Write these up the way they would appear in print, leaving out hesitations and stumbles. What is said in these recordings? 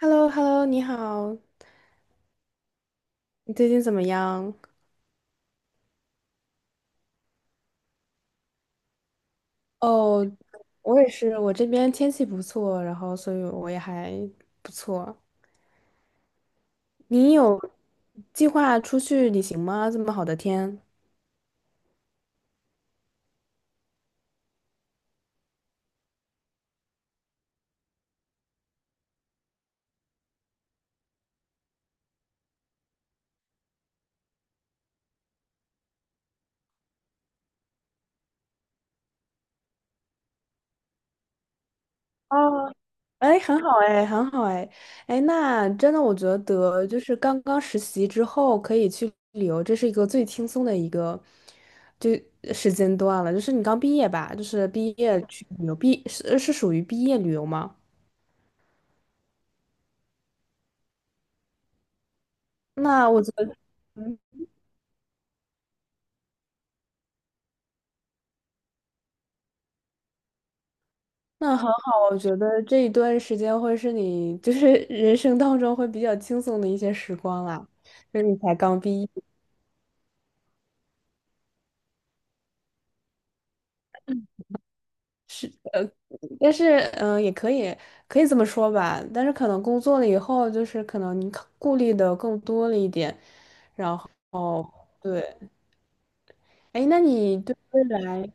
h e l l o h e l l o 你好，你最近怎么样？哦，我也是，我这边天气不错，然后所以我也还不错。你有计划出去旅行吗？这么好的天。哦，哎，很好哎，很好哎，哎，那真的，我觉得就是刚刚实习之后可以去旅游，这是一个最轻松的一个就时间段了。就是你刚毕业吧，就是毕业去旅游，是属于毕业旅游吗？那我觉得。嗯。那很好，我觉得这一段时间会是你就是 人生当中会比较轻松的一些时光啦，就是你才刚毕业，但是也可以这么说吧，但是可能工作了以后，就是可能你考顾虑的更多了一点。哦，对，哎，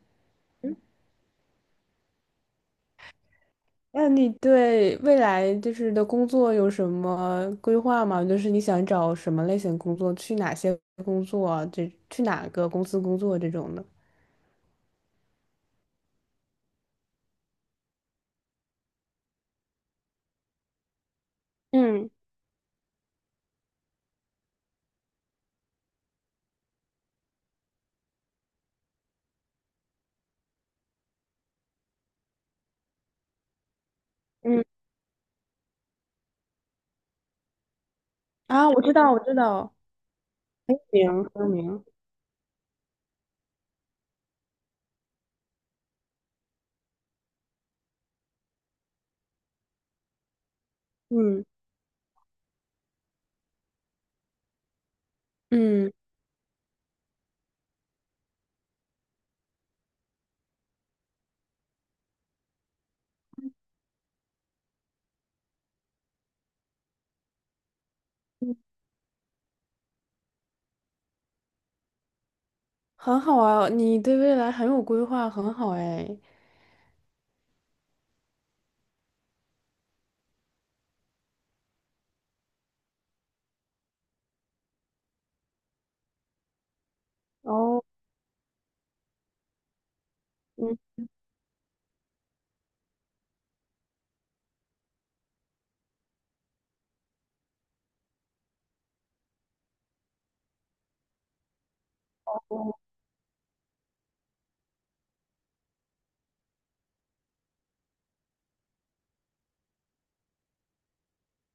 那你对未来就是的工作有什么规划吗？就是你想找什么类型工作，去哪些工作啊，这去哪个公司工作这种的？嗯嗯。啊，我知道，我知道，说明，嗯，嗯，很好啊，你对未来很有规划，很好哎。哦，嗯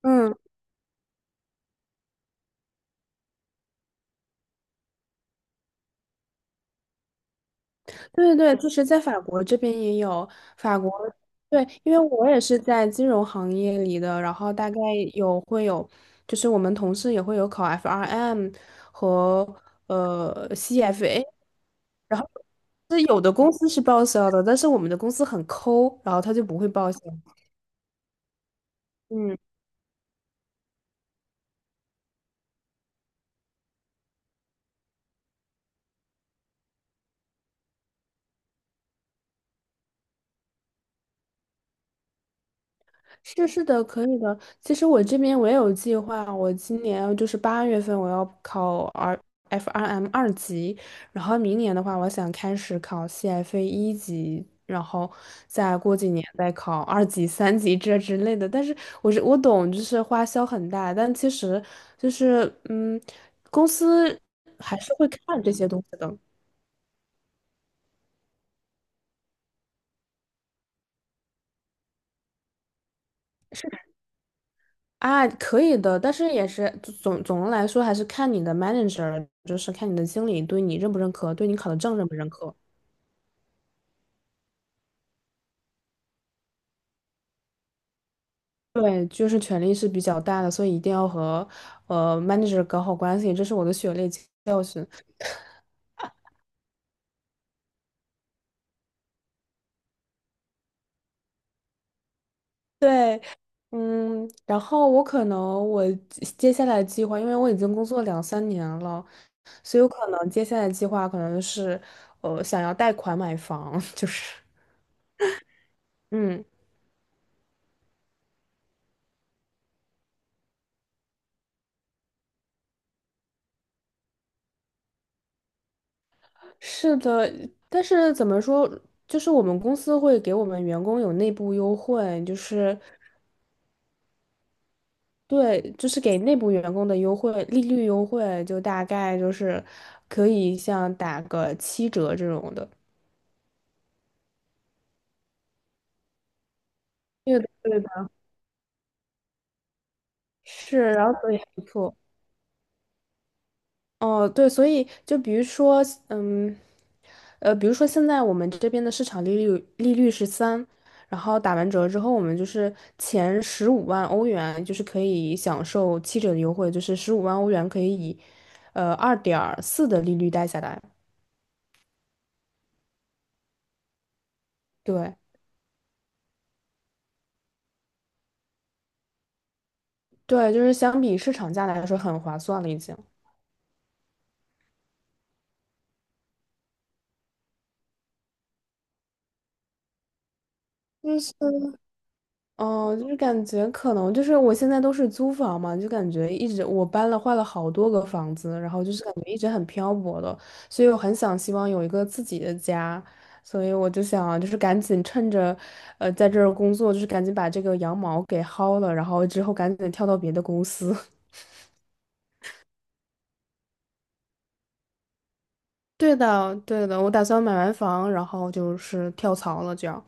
嗯，对对对，就是在法国这边也有法国，对，因为我也是在金融行业里的，然后大概会有，就是我们同事也会有考 FRM 和CFA，然后是有的公司是报销的，但是我们的公司很抠，然后他就不会报销。嗯。是的，可以的。其实我这边我也有计划，我今年就是8月份我要考 FRM 二级，然后明年的话，我想开始考 CFA 1级，然后再过几年再考2级、3级这之类的。但是我懂，就是花销很大，但其实就是公司还是会看这些东西的。是。啊，可以的，但是也是总的来说，还是看你的 manager，就是看你的经理对你认不认可，对你考的证认不认可。对，就是权力是比较大的，所以一定要和manager 搞好关系，这是我的血泪教训。对，嗯，然后我可能我接下来计划，因为我已经工作两三年了，所以有可能接下来计划可能是想要贷款买房，就是嗯。是的，但是怎么说，就是我们公司会给我们员工有内部优惠，就是对，就是给内部员工的优惠，利率优惠就大概就是可以像打个七折这种的。对的，对的，是，然后所以还不错。哦，对，所以就比如说，嗯，比如说现在我们这边的市场利率是三，然后打完折之后，我们就是前十五万欧元就是可以享受七折的优惠，就是十五万欧元可以以，2.4的利率贷下来。对对，就是相比市场价来说很划算了已经。哦，就是感觉可能就是我现在都是租房嘛，就感觉一直我搬了换了好多个房子，然后就是感觉一直很漂泊的，所以我很想希望有一个自己的家，所以我就想就是赶紧趁着，在这儿工作，就是赶紧把这个羊毛给薅了，然后之后赶紧跳到别的公司。对的，对的，我打算买完房，然后就是跳槽了，这样。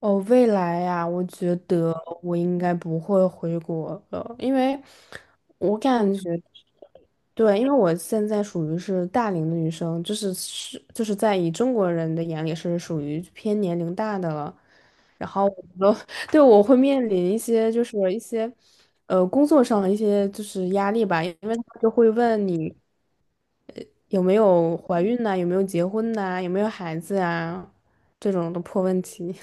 哦，未来呀，我觉得我应该不会回国了，因为我感觉，对，因为我现在属于是大龄的女生，就是在以中国人的眼里是属于偏年龄大的了，然后我觉得 对我会面临一些就是一些工作上的一些就是压力吧，因为他们就会问你有没有怀孕呐、有没有结婚呐、有没有孩子啊这种的破问题。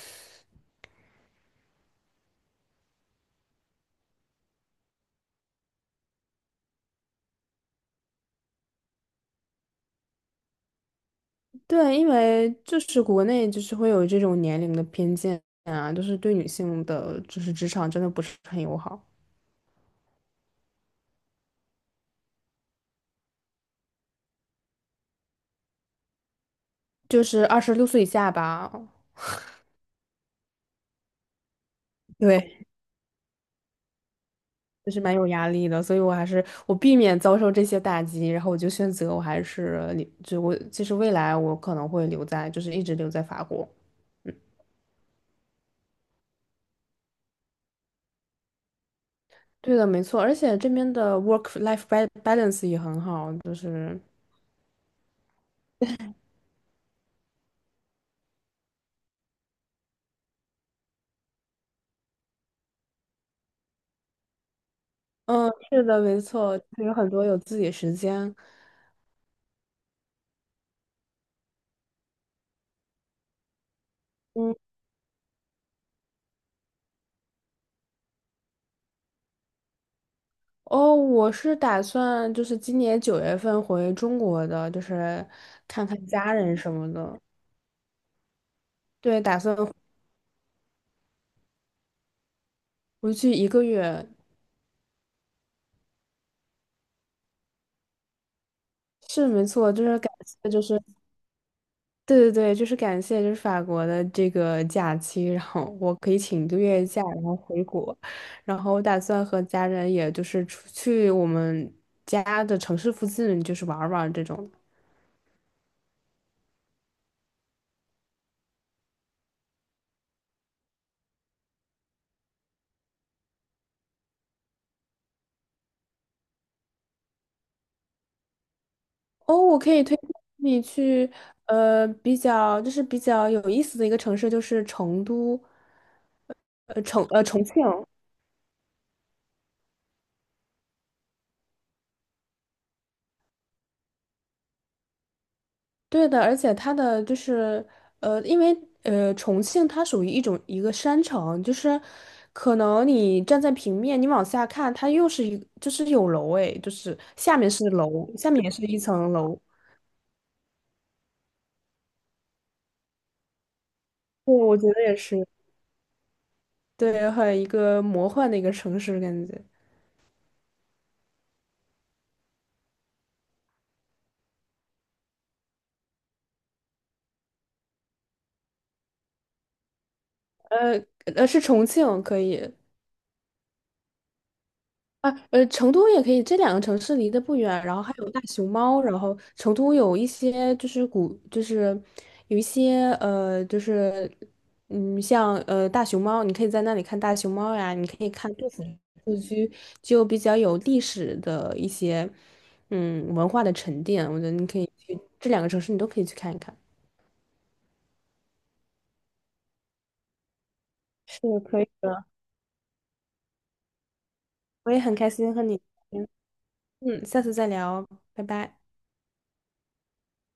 对，因为就是国内就是会有这种年龄的偏见啊，就是对女性的就是职场真的不是很友好，就是26岁以下吧，对，就是蛮有压力的，所以我还是我避免遭受这些打击，然后我就选择我还是留，就我其实未来我可能会留在就是一直留在法国。嗯，对的，没错，而且这边的 work life balance 也很好，就是嗯，是的，没错，就是有很多有自己的时间。嗯。哦，我是打算就是今年9月份回中国的，就是看看家人什么的。对，打算回去一个月，是没错，就是感谢，就是对对对，就是感谢就是法国的这个假期，然后我可以请一个月假，然后回国，然后我打算和家人也就是出去我们家的城市附近就是玩儿玩儿这种。哦，我可以推荐你去，比较就是比较有意思的一个城市，就是成都，重庆。对的，而且它的就是，因为重庆它属于一个山城，就是可能你站在平面，你往下看，它又是就是有楼诶，就是下面是楼，下面也是一层楼。对，我觉得也是，对，很一个魔幻的一个城市感觉。呃是重庆，可以。啊，成都也可以，这两个城市离得不远，然后还有大熊猫，然后成都有一些就是古，就是有一些就是像大熊猫，你可以在那里看大熊猫呀，你可以看杜甫故居，就比较有历史的一些文化的沉淀，我觉得你可以去这两个城市，你都可以去看一看。是可以的，我也很开心和你聊天下次再聊，拜拜。